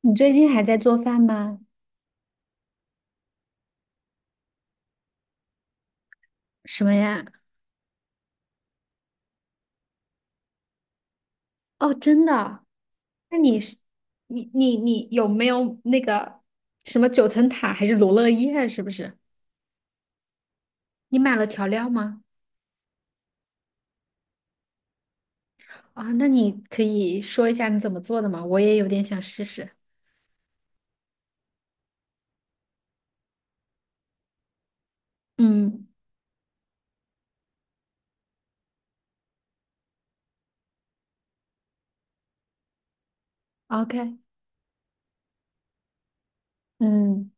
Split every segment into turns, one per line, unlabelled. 你最近还在做饭吗？什么呀？哦，真的啊，那你是你有没有那个什么九层塔还是罗勒叶啊？是不是？你买了调料吗？啊、那你可以说一下你怎么做的吗？我也有点想试试。嗯，OK，嗯，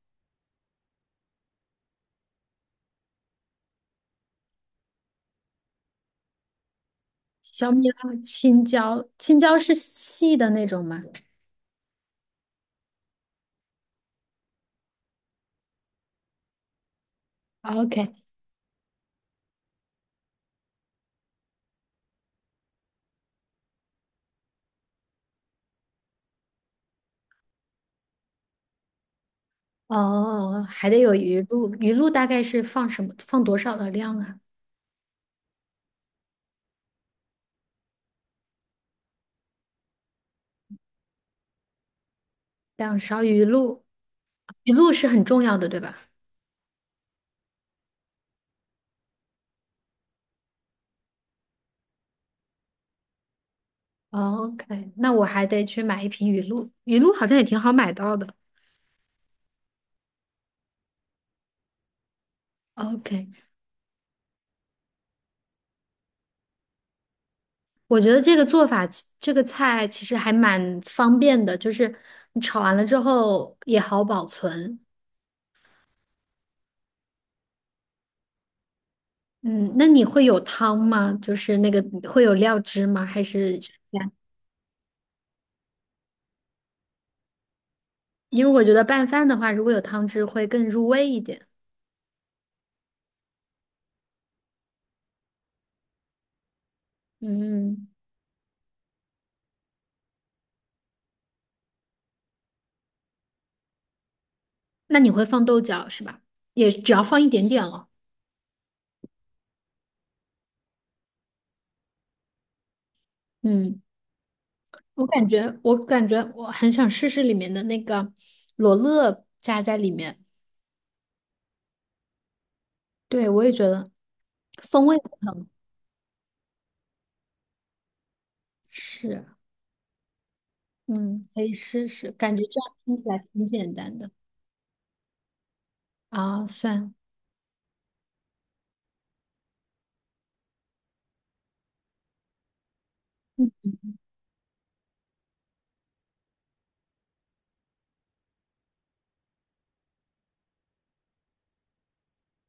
小米辣、青椒，青椒是细的那种吗？OK，哦，还得有鱼露，鱼露大概是放什么？放多少的量啊？两勺鱼露，鱼露是很重要的，对吧？OK，那我还得去买一瓶鱼露，鱼露好像也挺好买到的。OK，我觉得这个做法其这个菜其实还蛮方便的，就是你炒完了之后也好保存。嗯，那你会有汤吗？就是那个会有料汁吗？还是因为我觉得拌饭的话，如果有汤汁会更入味一点。嗯，那你会放豆角是吧？也只要放一点点了。嗯。我感觉我很想试试里面的那个罗勒加在里面。对，我也觉得风味很好。是，嗯，可以试试，感觉这样听起来挺简单的。啊，算。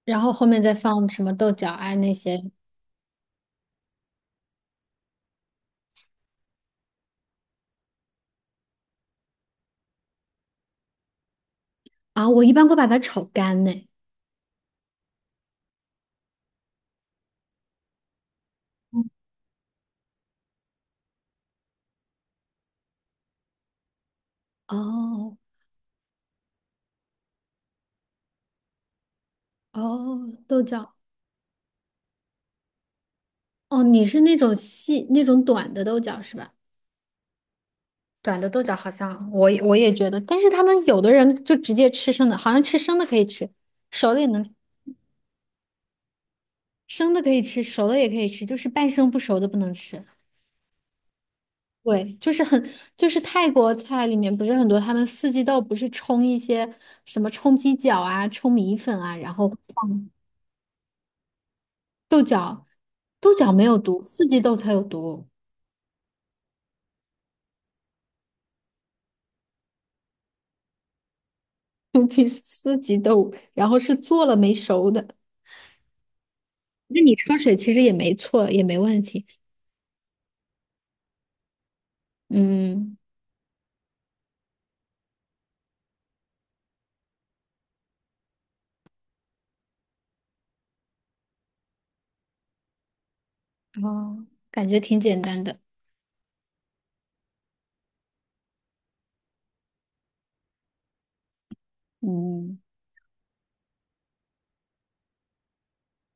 然后后面再放什么豆角啊那些。啊，我一般会把它炒干呢。哦，哦，豆角，哦，你是那种细那种短的豆角是吧？短的豆角好像我也觉得，但是他们有的人就直接吃生的，好像吃生的可以吃，熟的也能，生的可以吃，熟的也可以吃，就是半生不熟的不能吃。对，就是很，就是泰国菜里面不是很多，他们四季豆不是冲一些什么冲鸡脚啊、冲米粉啊，然后放豆角，豆角没有毒，四季豆才有毒，尤其是四季豆，然后是做了没熟的，那你焯水其实也没错，也没问题，嗯。哦，感觉挺简单的。嗯，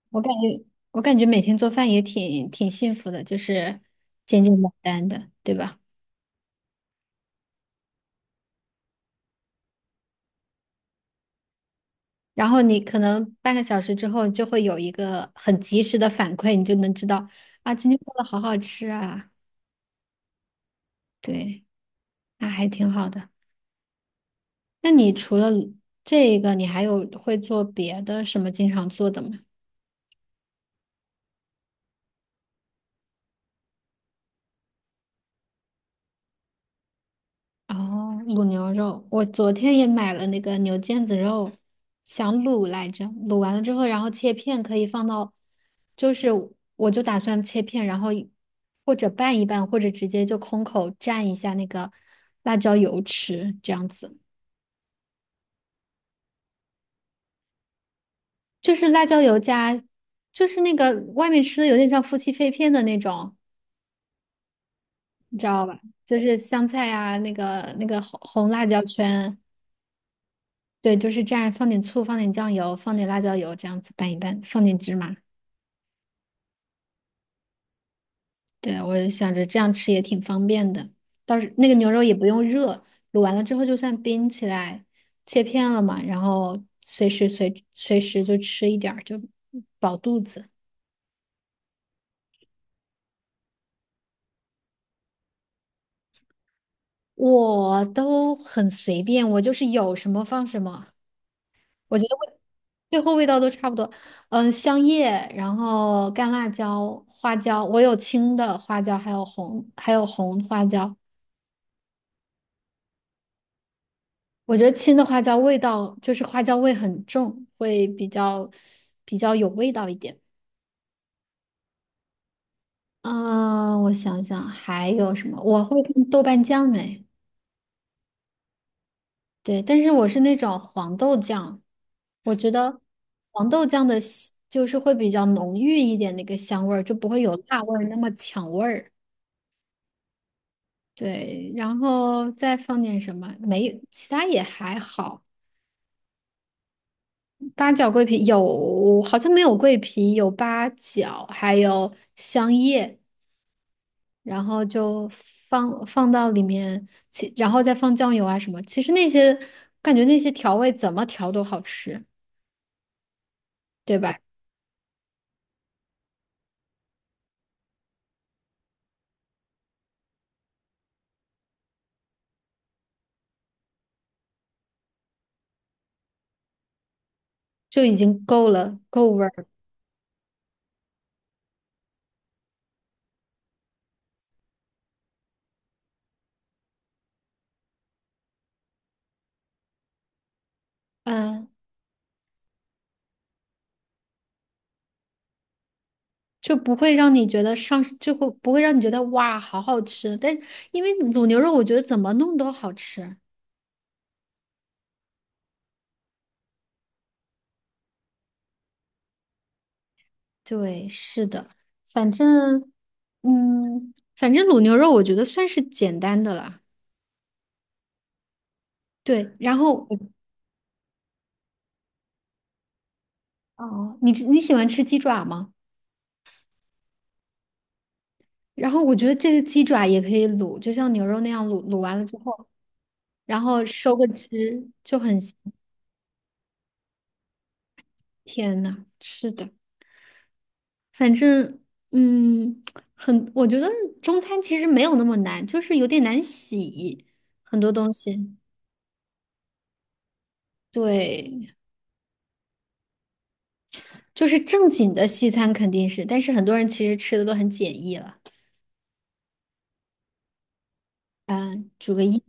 我感觉我感觉每天做饭也挺挺幸福的，就是简简单单的，对吧？然后你可能半个小时之后就会有一个很及时的反馈，你就能知道啊，今天做的好好吃啊。对，那还挺好的。那你除了这个，你还有会做别的什么经常做的吗？哦，卤牛肉，我昨天也买了那个牛腱子肉，想卤来着，卤完了之后，然后切片可以放到，就是我就打算切片，然后一或者拌一拌，或者直接就空口蘸一下那个辣椒油吃，这样子，就是辣椒油加，就是那个外面吃的有点像夫妻肺片的那种，你知道吧？就是香菜啊，那个红红辣椒圈。对，就是蘸放点醋，放点酱油，放点辣椒油，这样子拌一拌，放点芝麻。对，我想着这样吃也挺方便的，到时那个牛肉也不用热，卤完了之后就算冰起来，切片了嘛，然后随时就吃一点儿，就饱肚子。我都很随便，我就是有什么放什么，我觉得味最后味道都差不多。嗯、香叶，然后干辣椒、花椒，我有青的花椒，还有红花椒。我觉得青的花椒味道就是花椒味很重，会比较比较有味道一点。啊、我想想还有什么？我会看豆瓣酱哎，对，但是我是那种黄豆酱，我觉得黄豆酱的香就是会比较浓郁一点那个香味儿，就不会有辣味儿那么抢味儿。对，然后再放点什么？没，其他也还好。八角桂皮有，好像没有桂皮，有八角，还有香叶，然后就放放到里面，然后再放酱油啊什么。其实那些感觉那些调味怎么调都好吃，对吧？就已经够了，够味儿了。嗯，就不会让你觉得上，就会不会让你觉得哇，好好吃。但因为卤牛肉，我觉得怎么弄都好吃。对，是的，反正，嗯，反正卤牛肉我觉得算是简单的啦。对，然后我，哦，你吃你喜欢吃鸡爪吗？然后我觉得这个鸡爪也可以卤，就像牛肉那样卤，卤完了之后，然后收个汁就很香。天呐，是的，反正，嗯，很，我觉得中餐其实没有那么难，就是有点难洗很多东西。对，就是正经的西餐肯定是，但是很多人其实吃的都很简易了。嗯，煮个一，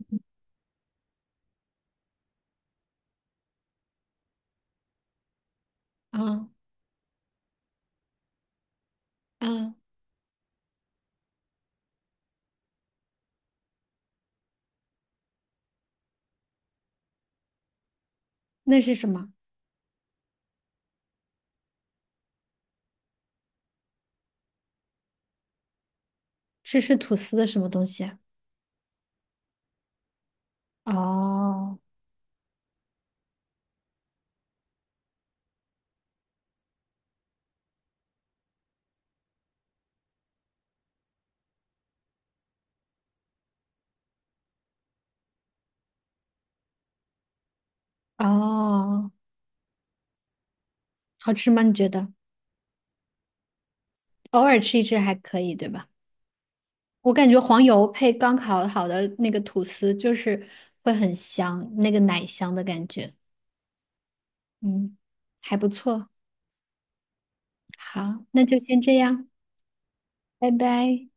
嗯嗯，那是什么？这是吐司的什么东西啊？哦，哦，好吃吗？你觉得？偶尔吃一吃还可以，对吧？我感觉黄油配刚烤好的那个吐司，就是会很香，那个奶香的感觉。嗯，还不错。好，那就先这样，拜拜。